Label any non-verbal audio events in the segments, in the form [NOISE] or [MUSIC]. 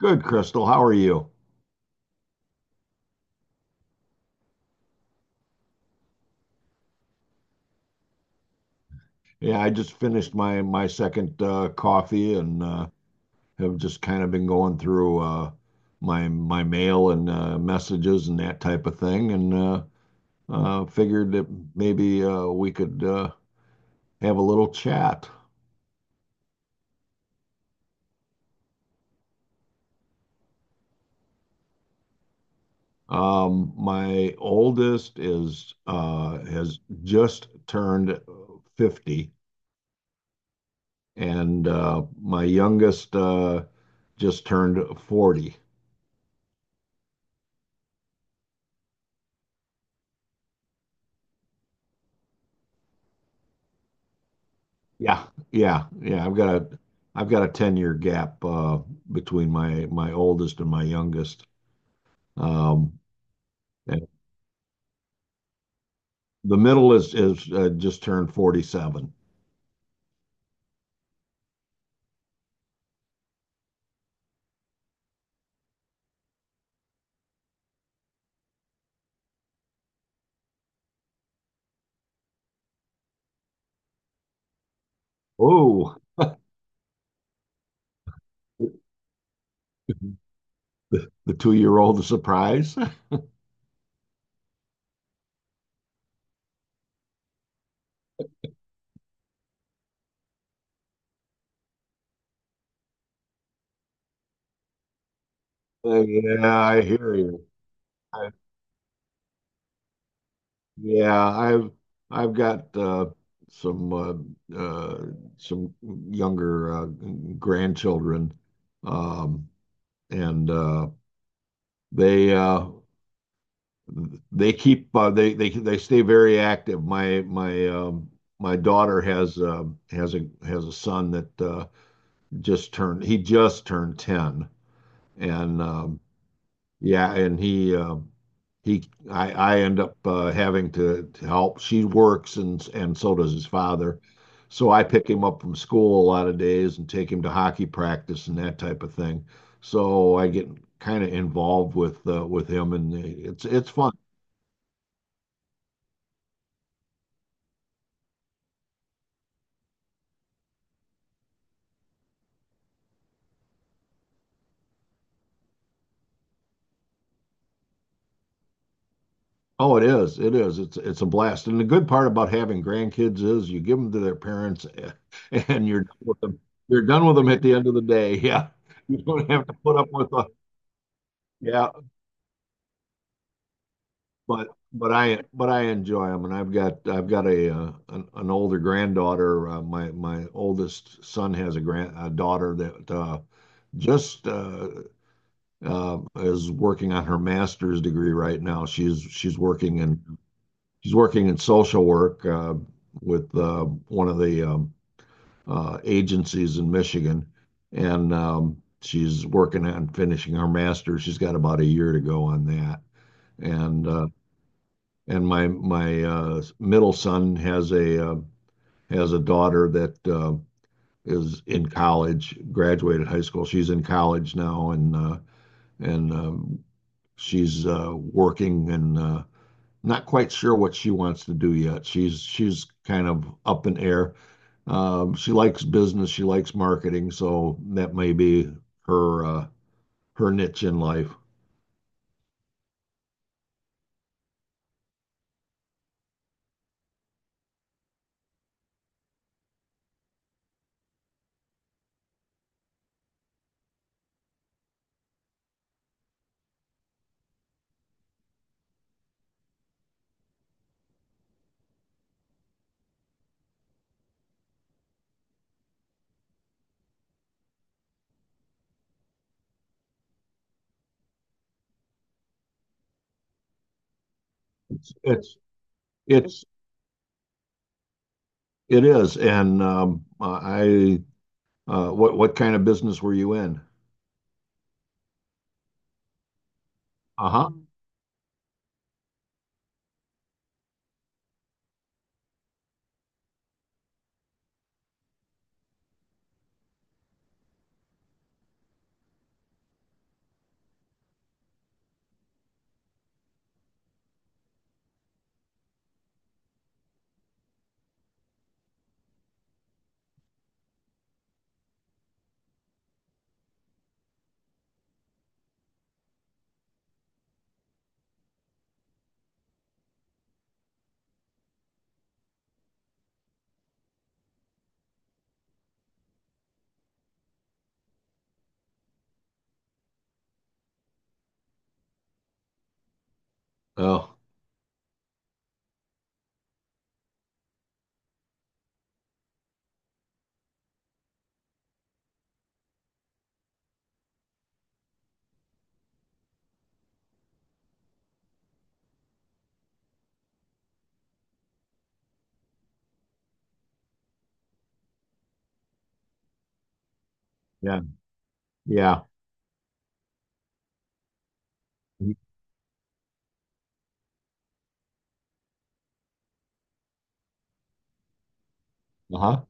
Good, Crystal. How are you? Yeah, I just finished my second coffee and have just kind of been going through my mail and messages and that type of thing, and figured that maybe we could have a little chat. My oldest is has just turned 50, and my youngest just turned 40. Yeah, yeah, yeah. I've got a 10-year gap between my oldest and my youngest. Um and the middle is just turned 47. Oh, [LAUGHS] the, the 2-year-old is surprised. [LAUGHS] Yeah, I hear you. I, yeah, I've got some uh, uh some younger grandchildren um and they uh they keep they stay very active. My daughter has a son that just turned he just turned 10, and yeah, and he I end up having to help. She works and so does his father. So I pick him up from school a lot of days and take him to hockey practice and that type of thing. So I get kind of involved with him and it's fun. Oh, it is. It is. It's a blast. And the good part about having grandkids is you give them to their parents [LAUGHS] and you're done with them. You're done with them at the end of the day. [LAUGHS] Yeah. You don't have to put up with a yeah, but but I enjoy them and I've got an older granddaughter. My oldest son has a daughter that just is working on her master's degree right now. She's working in social work with one of the agencies in Michigan, and she's working on finishing her master's. She's got about a year to go on that, and uh, and my middle son has a daughter that is in college, graduated high school. She's in college now, and she's working and not quite sure what she wants to do yet. She's kind of up in air. She likes business, she likes marketing, so that may be her uh, her niche in life. It's it's it's it is. And I What kind of business were you in? Uh-huh. Oh, yeah, yeah. Uh-huh.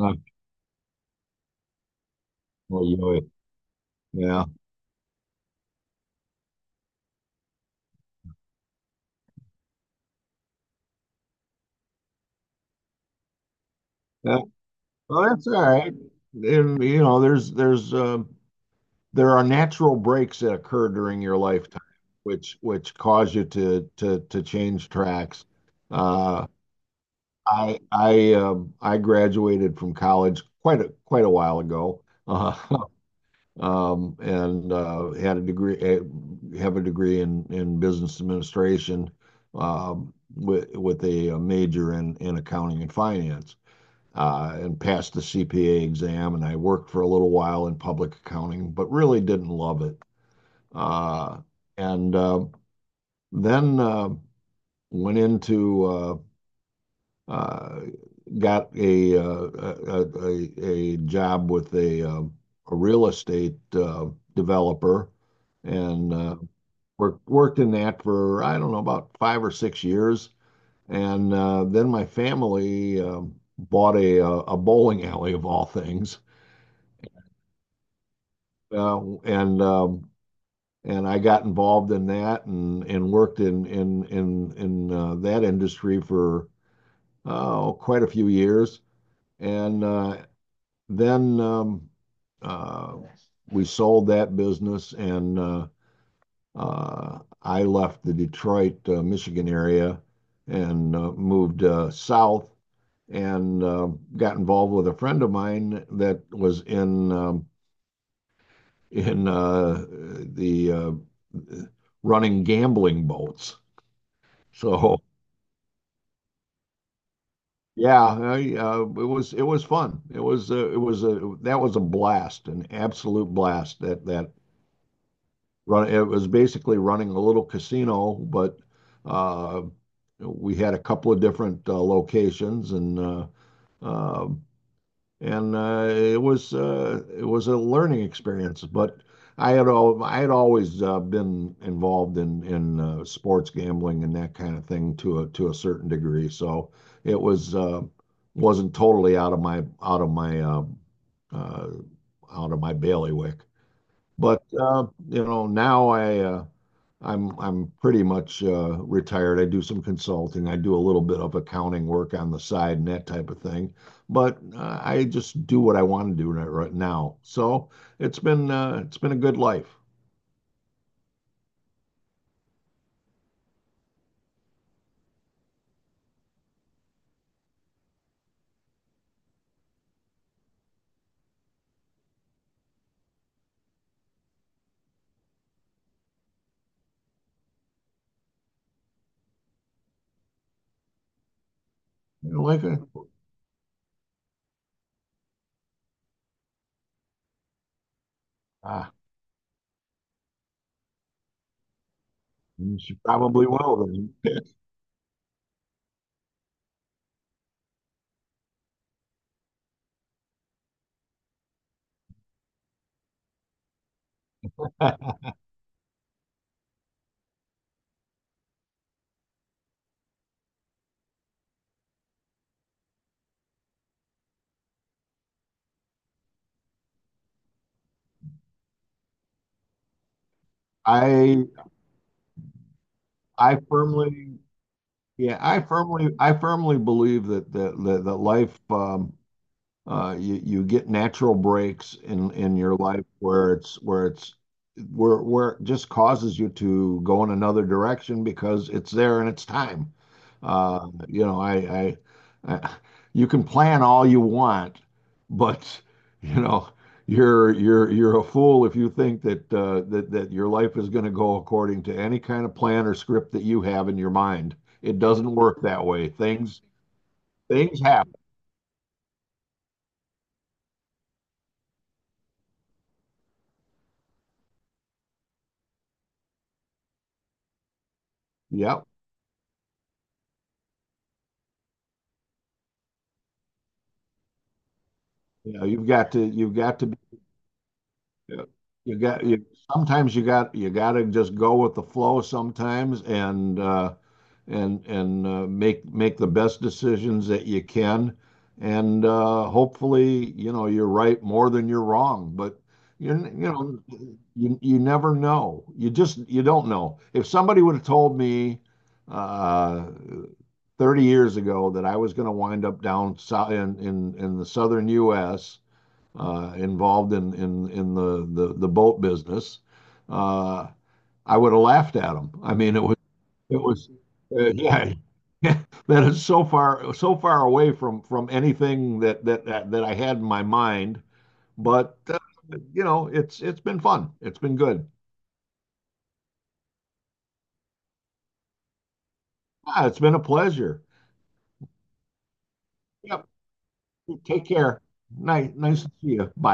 Uh, well, you know it. Yeah. Yeah. Well, that's all right. And, you know, there are natural breaks that occur during your lifetime, which cause you to change tracks. Uh, I graduated from college quite a while ago, [LAUGHS] and had a degree eh, have a degree in business administration, with a major in accounting and finance. And passed the CPA exam, and I worked for a little while in public accounting, but really didn't love it. Uh, And then went into uh, got a job with a real estate developer and worked in that for, I don't know, about 5 or 6 years. And then my family bought a bowling alley of all things. Uh, And um, and I got involved in that and worked in that industry for oh, quite a few years. And then uh, we sold that business, and I left the Detroit, Michigan area and moved south and got involved with a friend of mine that was in the running gambling boats. So yeah, it was fun. It was a That was a blast, an absolute blast. That that run It was basically running a little casino, but uh, we had a couple of different locations, uh, and it was a learning experience. But I had always been involved in sports gambling and that kind of thing to a certain degree, so it was wasn't totally uh, out of my bailiwick. But you know, now I'm pretty much retired. I do some consulting. I do a little bit of accounting work on the side and that type of thing. But I just do what I want to do right now. So it's been a good life. You know, like a, ah, you probably will then. [LAUGHS] I I firmly Yeah, I firmly believe that life. You get natural breaks in your life where it just causes you to go in another direction because it's there and it's time. You know, I you can plan all you want, but you know, you're a fool if you think that your life is going to go according to any kind of plan or script that you have in your mind. It doesn't work that way. Things happen. Yep. You know, you've got to, you've got to, you got, you, sometimes you got to just go with the flow sometimes and make the best decisions that you can. And, hopefully, you know, you're right more than you're wrong, but you, you know, you never know. You don't know. If somebody would have told me, uh, 30 years ago that I was going to wind up down in the southern U.S, involved in the boat business, uh, I would have laughed at him. I mean, it was [LAUGHS] yeah. Yeah, that is so far away from anything that I had in my mind, but you know it's been fun. It's been good. It's been a pleasure. Yep. Take care. Nice to see you. Bye.